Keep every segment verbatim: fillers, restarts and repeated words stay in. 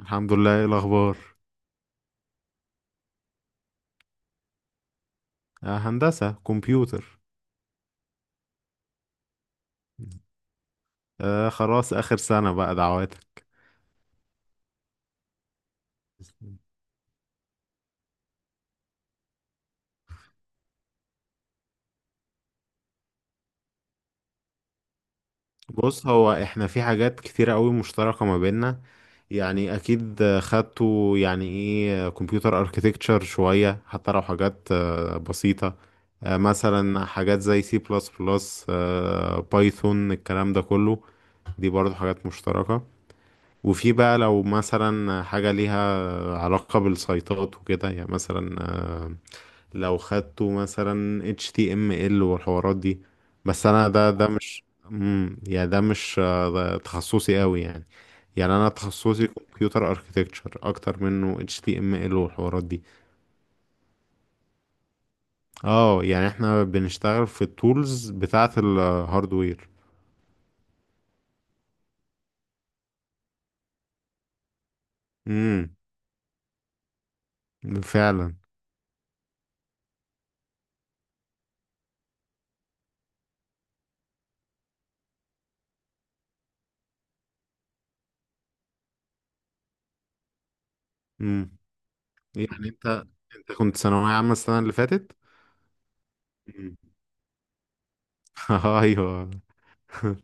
الحمد لله، ايه الاخبار؟ آه، هندسة كمبيوتر. آه، خلاص اخر سنة بقى، دعواتك. بص، هو احنا في حاجات كتيرة قوي مشتركة ما بيننا. يعني اكيد، آه، خدتوا يعني ايه كمبيوتر اركيتكتشر شوية، حتى لو حاجات آه، بسيطة. آه مثلا حاجات زي سي بلس بلس، بايثون، الكلام ده كله، دي برضو حاجات مشتركة. وفي بقى لو مثلا حاجة ليها علاقة بالسيطات وكده، يعني مثلا، آه، لو خدته مثلا H T M L والحوارات دي. بس انا ده ده مش. امم يعني ده مش، آه، ده تخصصي قوي يعني. يعني انا تخصصي كمبيوتر اركتكتشر اكتر منه H T M L والحوارات دي. اه، يعني احنا بنشتغل في التولز بتاعة الهاردوير. امم. فعلا. امم يعني انت انت كنت ثانوية عامة السنة اللي فاتت؟ امم. ايوه.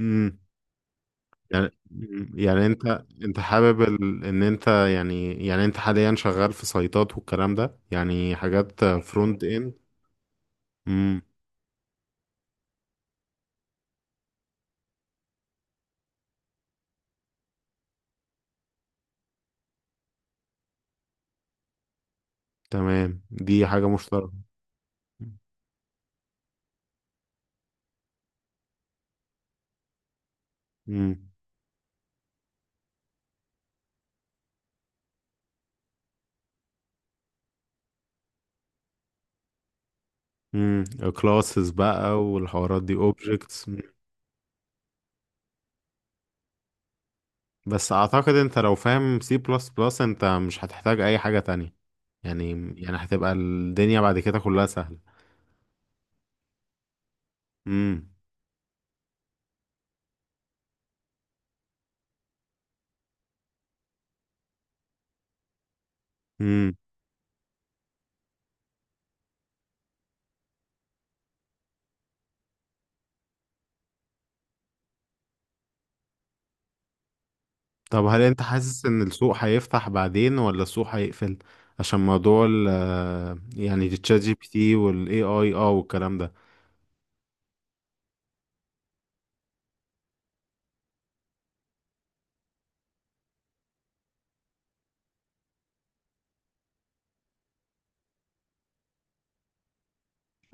مم. يعني يعني انت انت حابب ال... ان انت، يعني يعني انت حاليا شغال في سايتات والكلام ده، يعني حاجات فرونت اند؟ امم. تمام، دي حاجة مشتركة. امم. امم. كلاسز بقى والحوارات دي اوبجكتس. بس اعتقد انت لو فاهم سي بلس بلس، انت مش هتحتاج اي حاجة تانية. يعني يعني هتبقى الدنيا بعد كده كلها سهلة. امم. طب، هل انت حاسس ان السوق هيفتح بعدين ولا السوق هيقفل؟ عشان موضوع ال يعني التشات جي بي تي والاي اي، اه والكلام ده.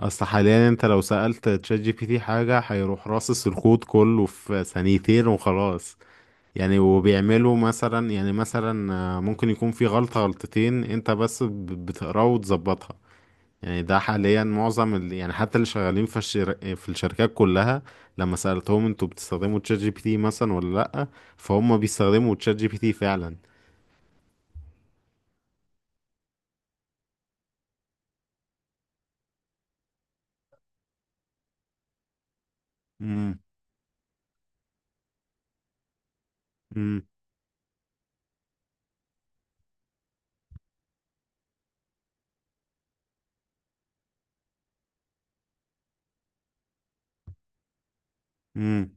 اصل حاليا انت لو سألت تشات جي بي تي حاجة هيروح راصص الكود كله في ثانيتين وخلاص. يعني وبيعملوا مثلا، يعني مثلا آه، ممكن يكون في غلطة غلطتين، انت بس ب- بتقراها وتظبطها. يعني ده حاليا معظم ال... يعني حتى اللي شغالين في الشر... في الشركات كلها، لما سألتهم انتوا بتستخدموا تشات جي بي تي مثلا ولا لأ، فهم بيستخدموا تشات جي بي تي فعلا. امم. امم. امم.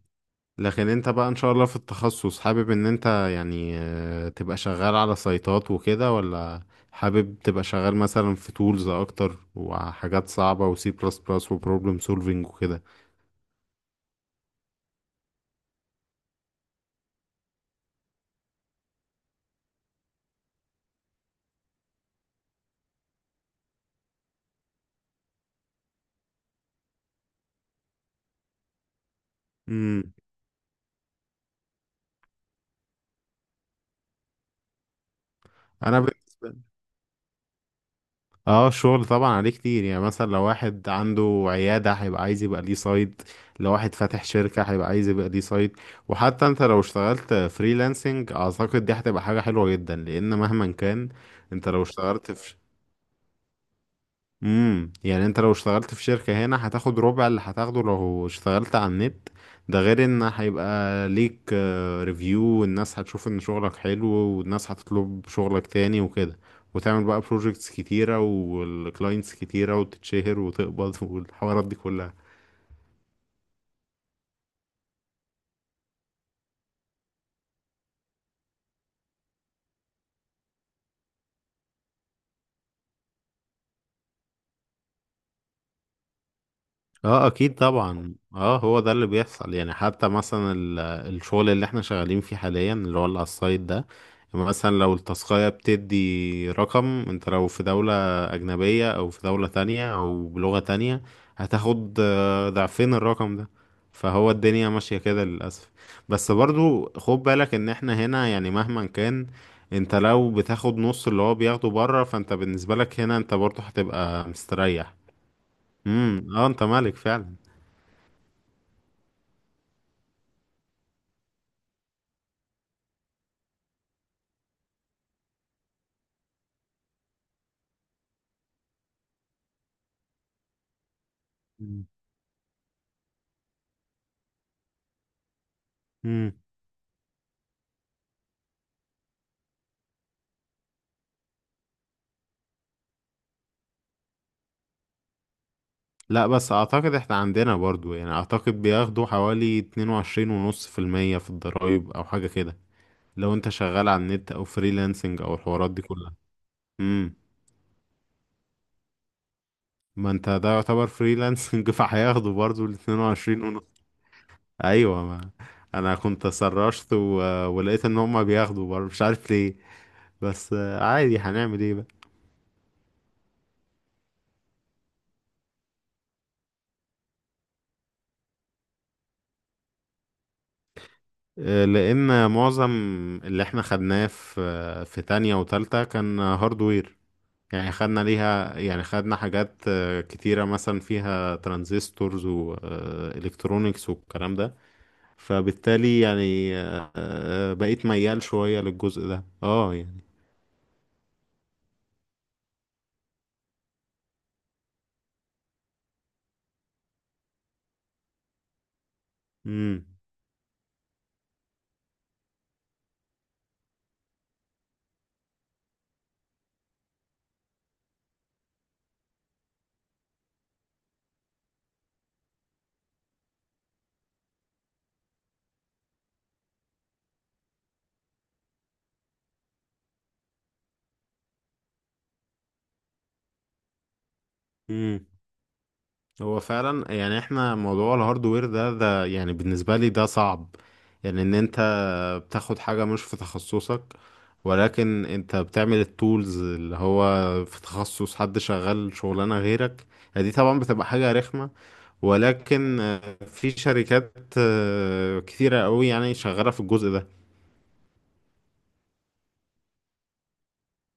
لكن انت بقى ان شاء الله في التخصص، حابب ان انت، يعني آه، تبقى شغال على سايتات وكده، ولا حابب تبقى شغال مثلا في تولز اكتر وحاجات صعبة وسي بلس بلس وبروبلم سولفينج وكده؟ امم. انا بالنسبة. اه، الشغل طبعا عليه كتير، يعني مثلا لو واحد عنده عيادة هيبقى عايز يبقى ليه سايت، لو واحد فاتح شركة هيبقى عايز يبقى ليه سايت. وحتى انت لو اشتغلت فريلانسنج اعتقد دي هتبقى حاجة حلوة جدا، لان مهما كان انت لو اشتغلت في. امم يعني انت لو اشتغلت في شركة هنا هتاخد ربع اللي هتاخده لو اشتغلت على النت. ده غير ان هيبقى ليك، آه، ريفيو، والناس هتشوف ان شغلك حلو والناس هتطلب شغلك تاني وكده. وتعمل بقى بروجيكتس كتيرة والكلاينتس كتيرة وتتشهر وتقبض والحوارات دي كلها. اه اكيد طبعا، اه هو ده اللي بيحصل. يعني حتى مثلا ال- الشغل اللي احنا شغالين فيه حاليا، اللي هو اللي على السايت ده، مثلا لو التاسكاية بتدي رقم، انت لو في دولة اجنبية او في دولة تانية او بلغة تانية، هتاخد آه، ضعفين الرقم ده. فهو الدنيا ماشية كده للأسف. بس برضو خد بالك ان احنا هنا، يعني مهما كان انت لو بتاخد نص اللي هو بياخده بره، فانت بالنسبة لك هنا انت برضو هتبقى مستريح. امم، اه، انت مالك فعلا. مم. مم. لا، بس اعتقد احنا عندنا برضو يعني اعتقد بياخدوا حوالي اتنين وعشرين ونص في المية في الضرايب او حاجة كده، لو انت شغال على النت او فريلانسنج او الحوارات دي كلها. امم. ما انت ده يعتبر فريلانسنج فهياخدوا برضو ال اثنين وعشرين ونص. ايوه، ما انا كنت سرشت و... ولقيت ان هما بياخدوا برضو، مش عارف ليه. بس، آه، عادي، هنعمل ايه بقى؟ آه، لان معظم اللي احنا خدناه في في تانية وتالتة كان هاردوير. يعني خدنا ليها، يعني خدنا حاجات آه، كتيرة، مثلا فيها ترانزستورز والكترونيكس والكلام ده. فبالتالي يعني، آه، آه، بقيت ميال شوية للجزء ده اه يعني امم. امم. هو فعلا يعني احنا موضوع الهاردوير ده ده يعني بالنسبة لي ده صعب، يعني ان انت بتاخد حاجة مش في تخصصك، ولكن انت بتعمل التولز اللي هو في تخصص حد شغال شغلانة غيرك. يعني دي طبعا بتبقى حاجة رخمة. ولكن، آه، في شركات آه، كتيرة قوي، يعني شغالة في الجزء ده.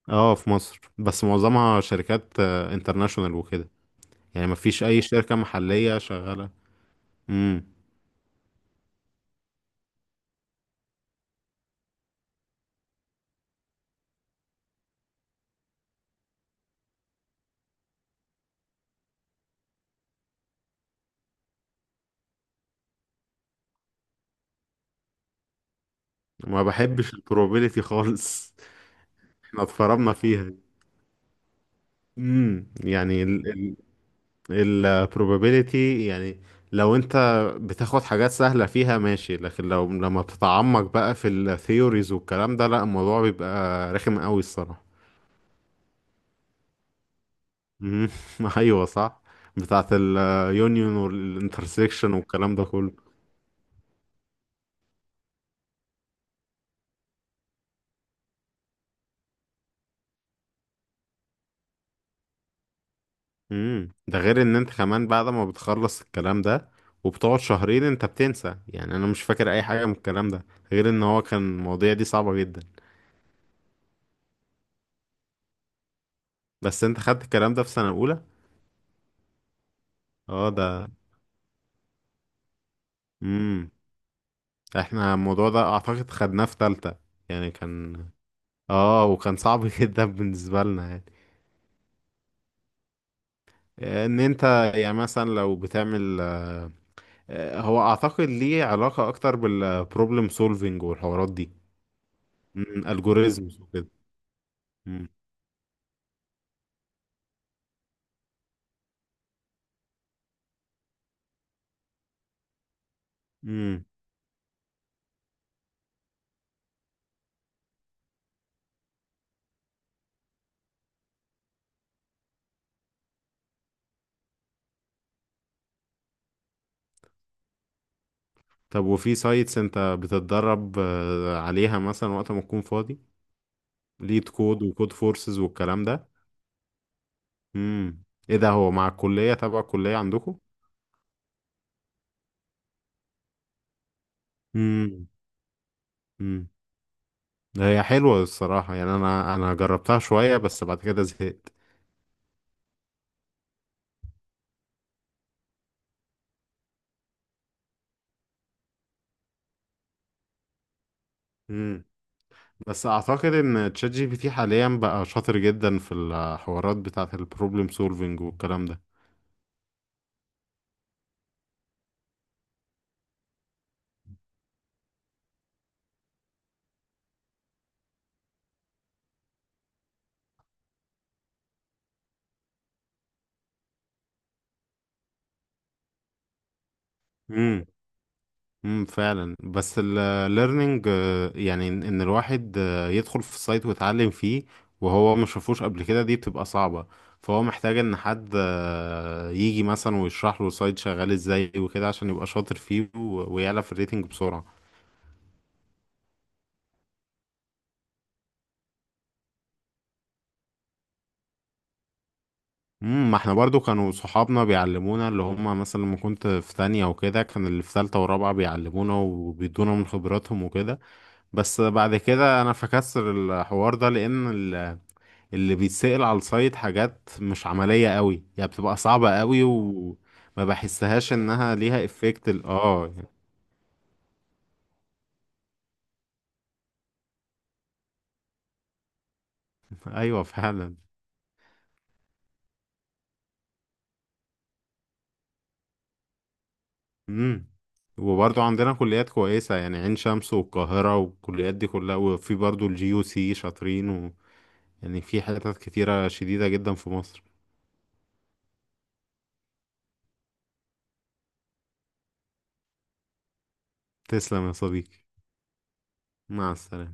اه في مصر، بس معظمها شركات انترناشونال وكده، يعني ما فيش اي شركة محلية شغالة. امم. ما بحبش البروبابيليتي خالص. احنا اتفرمنا فيها. امم يعني البروبابيليتي، يعني لو انت بتاخد حاجات سهلة فيها ماشي، لكن لو لما بتتعمق بقى في الثيوريز والكلام ده، لا، الموضوع بيبقى رخم قوي الصراحة. مم. ايوه، صح، بتاعت اليونيون والانترسكشن والكلام ده كله. امم ده غير ان انت كمان بعد ما بتخلص الكلام ده وبتقعد شهرين انت بتنسى، يعني انا مش فاكر اي حاجه من الكلام ده، غير ان هو كان المواضيع دي صعبه جدا. بس انت خدت الكلام ده في سنه اولى؟ اه، ده. امم. احنا الموضوع ده اعتقد خدناه في تالتة يعني، كان، اه وكان صعب جدا بالنسبه لنا يعني. ان انت، يعني مثلا لو بتعمل، آه، هو اعتقد ليه علاقة اكتر بالبروبلم سولفينج والحوارات دي، الجوريزمز وكده. مم. مم. طب، وفي سايتس انت بتتدرب، آه، عليها مثلا وقت ما تكون فاضي؟ ليد كود وكود فورسز والكلام ده. مم. ايه ده، هو مع الكلية، تبع الكلية عندكم؟ مم. مم. هي حلوة الصراحة، يعني انا انا جربتها شوية بس بعد كده زهقت. مم. بس اعتقد ان تشات جي بي تي حاليا بقى شاطر جدا في الحوارات بتاعة البروبلم سولفينج والكلام ده. امم. امم، فعلا. بس الليرنينج، يعني ان إن الواحد، آه، يدخل في السايت ويتعلم فيه وهو ما شافوش قبل كده، دي بتبقى صعبة. فهو محتاج ان حد، آه، يجي مثلا ويشرح له السايت شغال ازاي وكده، عشان يبقى شاطر فيه و- ويعلى في الريتنج بسرعة. امم ما احنا برضو كانوا صحابنا بيعلمونا، اللي هم مثلا لما كنت في تانية وكده كان اللي في تالتة ورابعة بيعلمونا وبيدونا من خبراتهم وكده. بس بعد كده انا فكسر الحوار ده لان ال اللي بيتسأل على السايت حاجات مش عملية قوي يعني، بتبقى صعبة قوي وما بحسهاش انها ليها افكت ال... اه يعني ايوه، فعلا. امم وبرضو عندنا كليات كويسة، يعني عين شمس والقاهرة والكليات دي كلها، وفي برضو الجي يو سي شاطرين و... يعني في حتت كتيرة شديدة جدا في مصر. تسلم يا صديقي. مع السلامة.